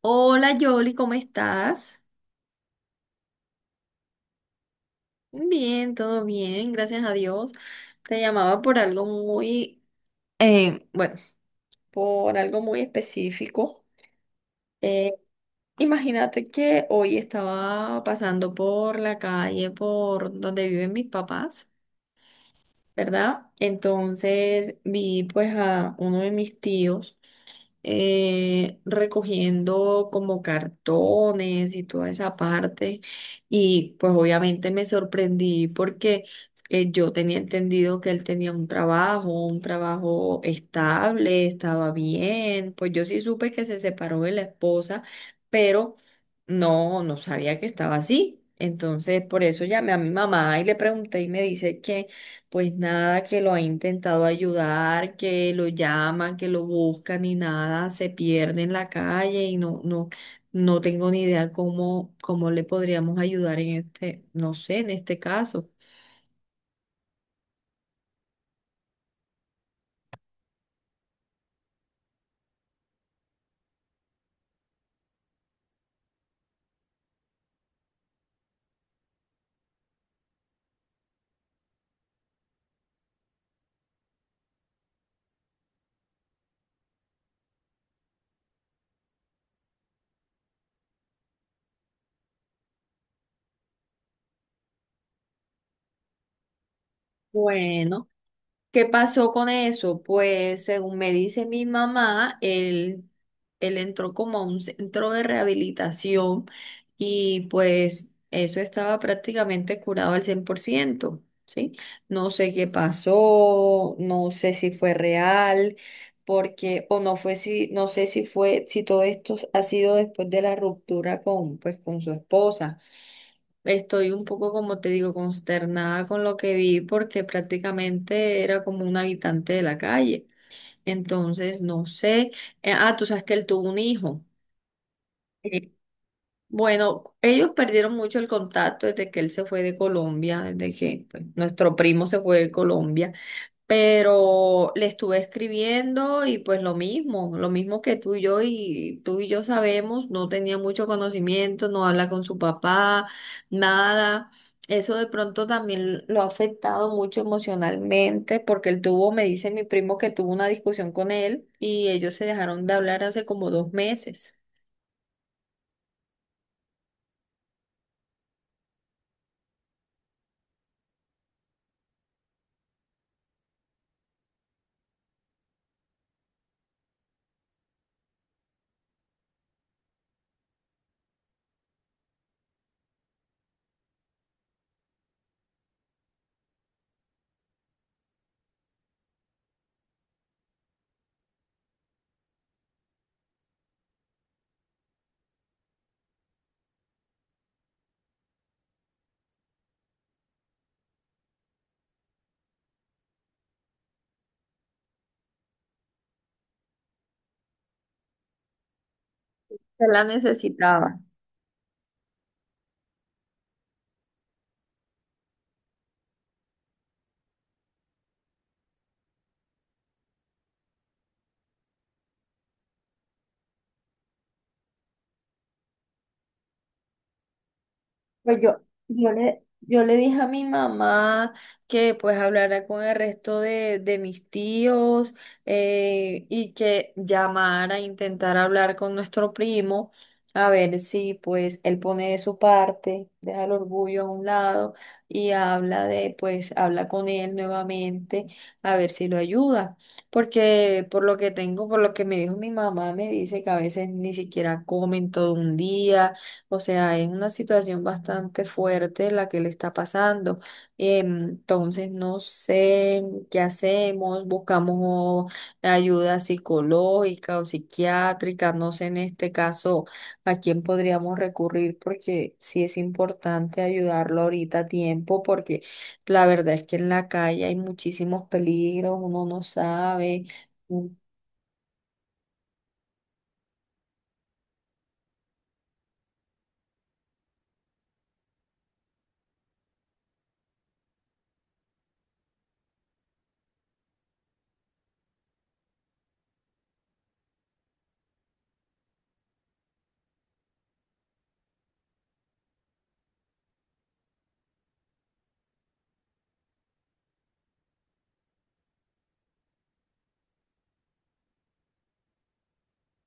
Hola Yoli, ¿cómo estás? Bien, todo bien, gracias a Dios. Te llamaba por algo muy, bueno, por algo muy específico. Eh, Imagínate que hoy estaba pasando por la calle por donde viven mis papás, ¿verdad? Entonces vi pues a uno de mis tíos, recogiendo como cartones y toda esa parte. Y pues obviamente me sorprendí porque yo tenía entendido que él tenía un trabajo estable, estaba bien. Pues yo sí supe que se separó de la esposa, pero no, no sabía que estaba así. Entonces, por eso llamé a mi mamá y le pregunté y me dice que pues nada, que lo ha intentado ayudar, que lo llaman, que lo buscan y nada, se pierde en la calle y no, no, no tengo ni idea cómo, cómo le podríamos ayudar en este, no sé, en este caso. Bueno. ¿Qué pasó con eso? Pues según me dice mi mamá, él entró como a un centro de rehabilitación y pues eso estaba prácticamente curado al 100%, ¿sí? No sé qué pasó, no sé si fue real, porque, o no fue si, no sé si fue, si todo esto ha sido después de la ruptura con, pues, con su esposa. Estoy un poco, como te digo, consternada con lo que vi porque prácticamente era como un habitante de la calle. Entonces, no sé. Ah, tú sabes que él tuvo un hijo. Sí. Bueno, ellos perdieron mucho el contacto desde que él se fue de Colombia, desde que pues, nuestro primo se fue de Colombia, pero le estuve escribiendo y pues lo mismo que tú y yo sabemos, no tenía mucho conocimiento, no habla con su papá, nada. Eso de pronto también lo ha afectado mucho emocionalmente porque él tuvo, me dice mi primo que tuvo una discusión con él y ellos se dejaron de hablar hace como 2 meses. Se la necesitaba. Pues yo le dije a mi mamá que pues hablara con el resto de mis tíos, y que llamara, intentara hablar con nuestro primo, a ver si pues él pone de su parte, deja el orgullo a un lado y pues habla con él nuevamente, a ver si lo ayuda. Porque por lo que tengo, por lo que me dijo mi mamá, me dice que a veces ni siquiera comen todo un día, o sea, es una situación bastante fuerte la que le está pasando. Entonces, no sé qué hacemos, buscamos ayuda psicológica o psiquiátrica, no sé en este caso a quién podríamos recurrir porque sí es importante ayudarlo ahorita a tiempo porque la verdad es que en la calle hay muchísimos peligros, uno no sabe.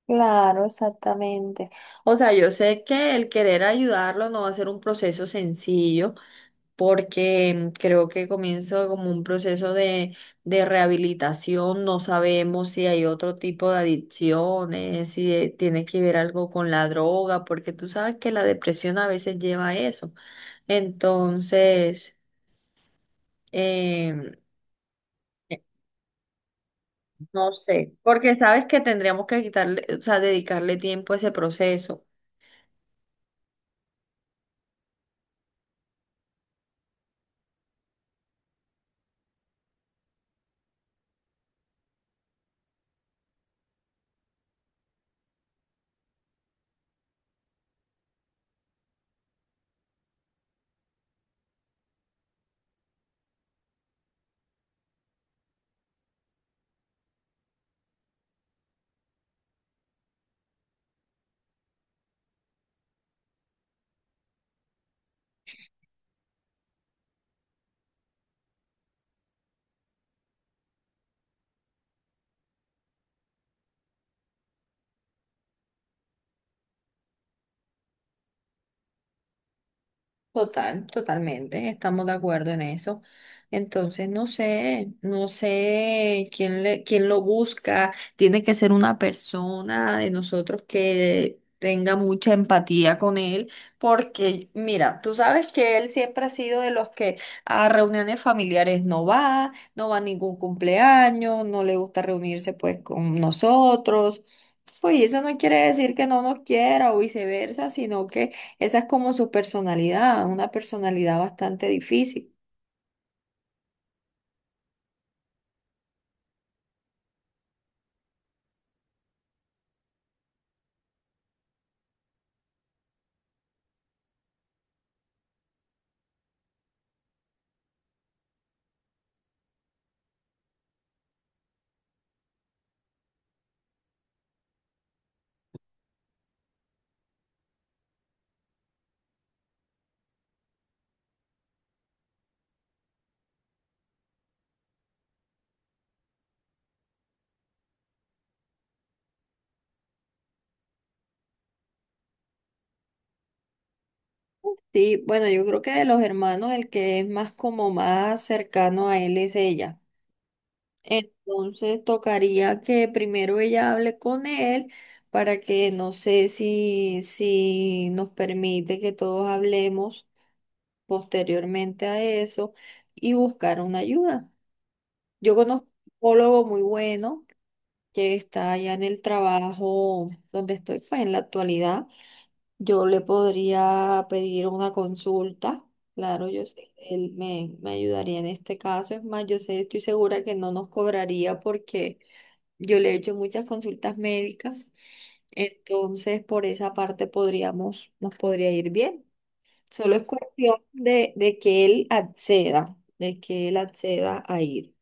Claro, exactamente. O sea, yo sé que el querer ayudarlo no va a ser un proceso sencillo, porque creo que comienza como un proceso de rehabilitación. No sabemos si hay otro tipo de adicciones, si tiene que ver algo con la droga, porque tú sabes que la depresión a veces lleva a eso. Entonces, em, no sé, porque sabes que tendríamos que quitarle, o sea, dedicarle tiempo a ese proceso. Total, totalmente, estamos de acuerdo en eso. Entonces, no sé, no sé quién lo busca. Tiene que ser una persona de nosotros que tenga mucha empatía con él, porque mira, tú sabes que él siempre ha sido de los que a reuniones familiares no va, no va a ningún cumpleaños, no le gusta reunirse pues con nosotros. Pues y eso no quiere decir que no nos quiera o viceversa, sino que esa es como su personalidad, una personalidad bastante difícil. Sí, bueno, yo creo que de los hermanos el que es más como más cercano a él es ella. Entonces tocaría que primero ella hable con él para que no sé si, si nos permite que todos hablemos posteriormente a eso y buscar una ayuda. Yo conozco un psicólogo muy bueno que está allá en el trabajo donde estoy, pues en la actualidad. Yo le podría pedir una consulta, claro, yo sé que él me ayudaría en este caso, es más, yo sé, estoy segura que no nos cobraría porque yo le he hecho muchas consultas médicas, entonces por esa parte podríamos, nos podría ir bien. Solo es cuestión de que él acceda, de que él acceda a ir.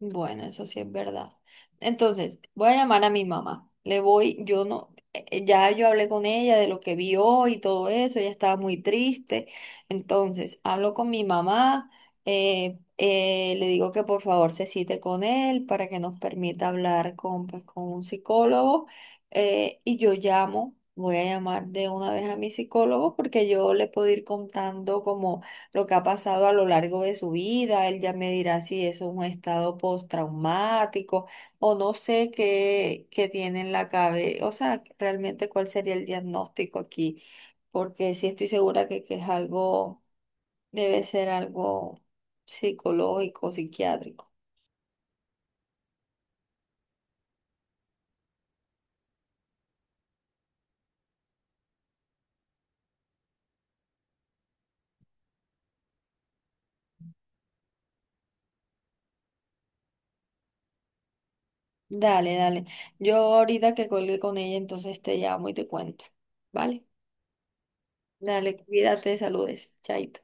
Bueno, eso sí es verdad. Entonces, voy a llamar a mi mamá. Le voy, yo no, ya yo hablé con ella de lo que vio y todo eso, ella estaba muy triste. Entonces, hablo con mi mamá, le digo que por favor se cite con él para que nos permita hablar con, pues, con un psicólogo. Voy a llamar de una vez a mi psicólogo porque yo le puedo ir contando como lo que ha pasado a lo largo de su vida. Él ya me dirá si eso es un estado postraumático o no sé qué tiene en la cabeza. O sea, realmente cuál sería el diagnóstico aquí, porque sí estoy segura que es algo, debe ser algo psicológico, psiquiátrico. Dale, dale. Yo ahorita que colgué con ella, entonces te llamo y te cuento. ¿Vale? Dale, cuídate, saludes. Chaito.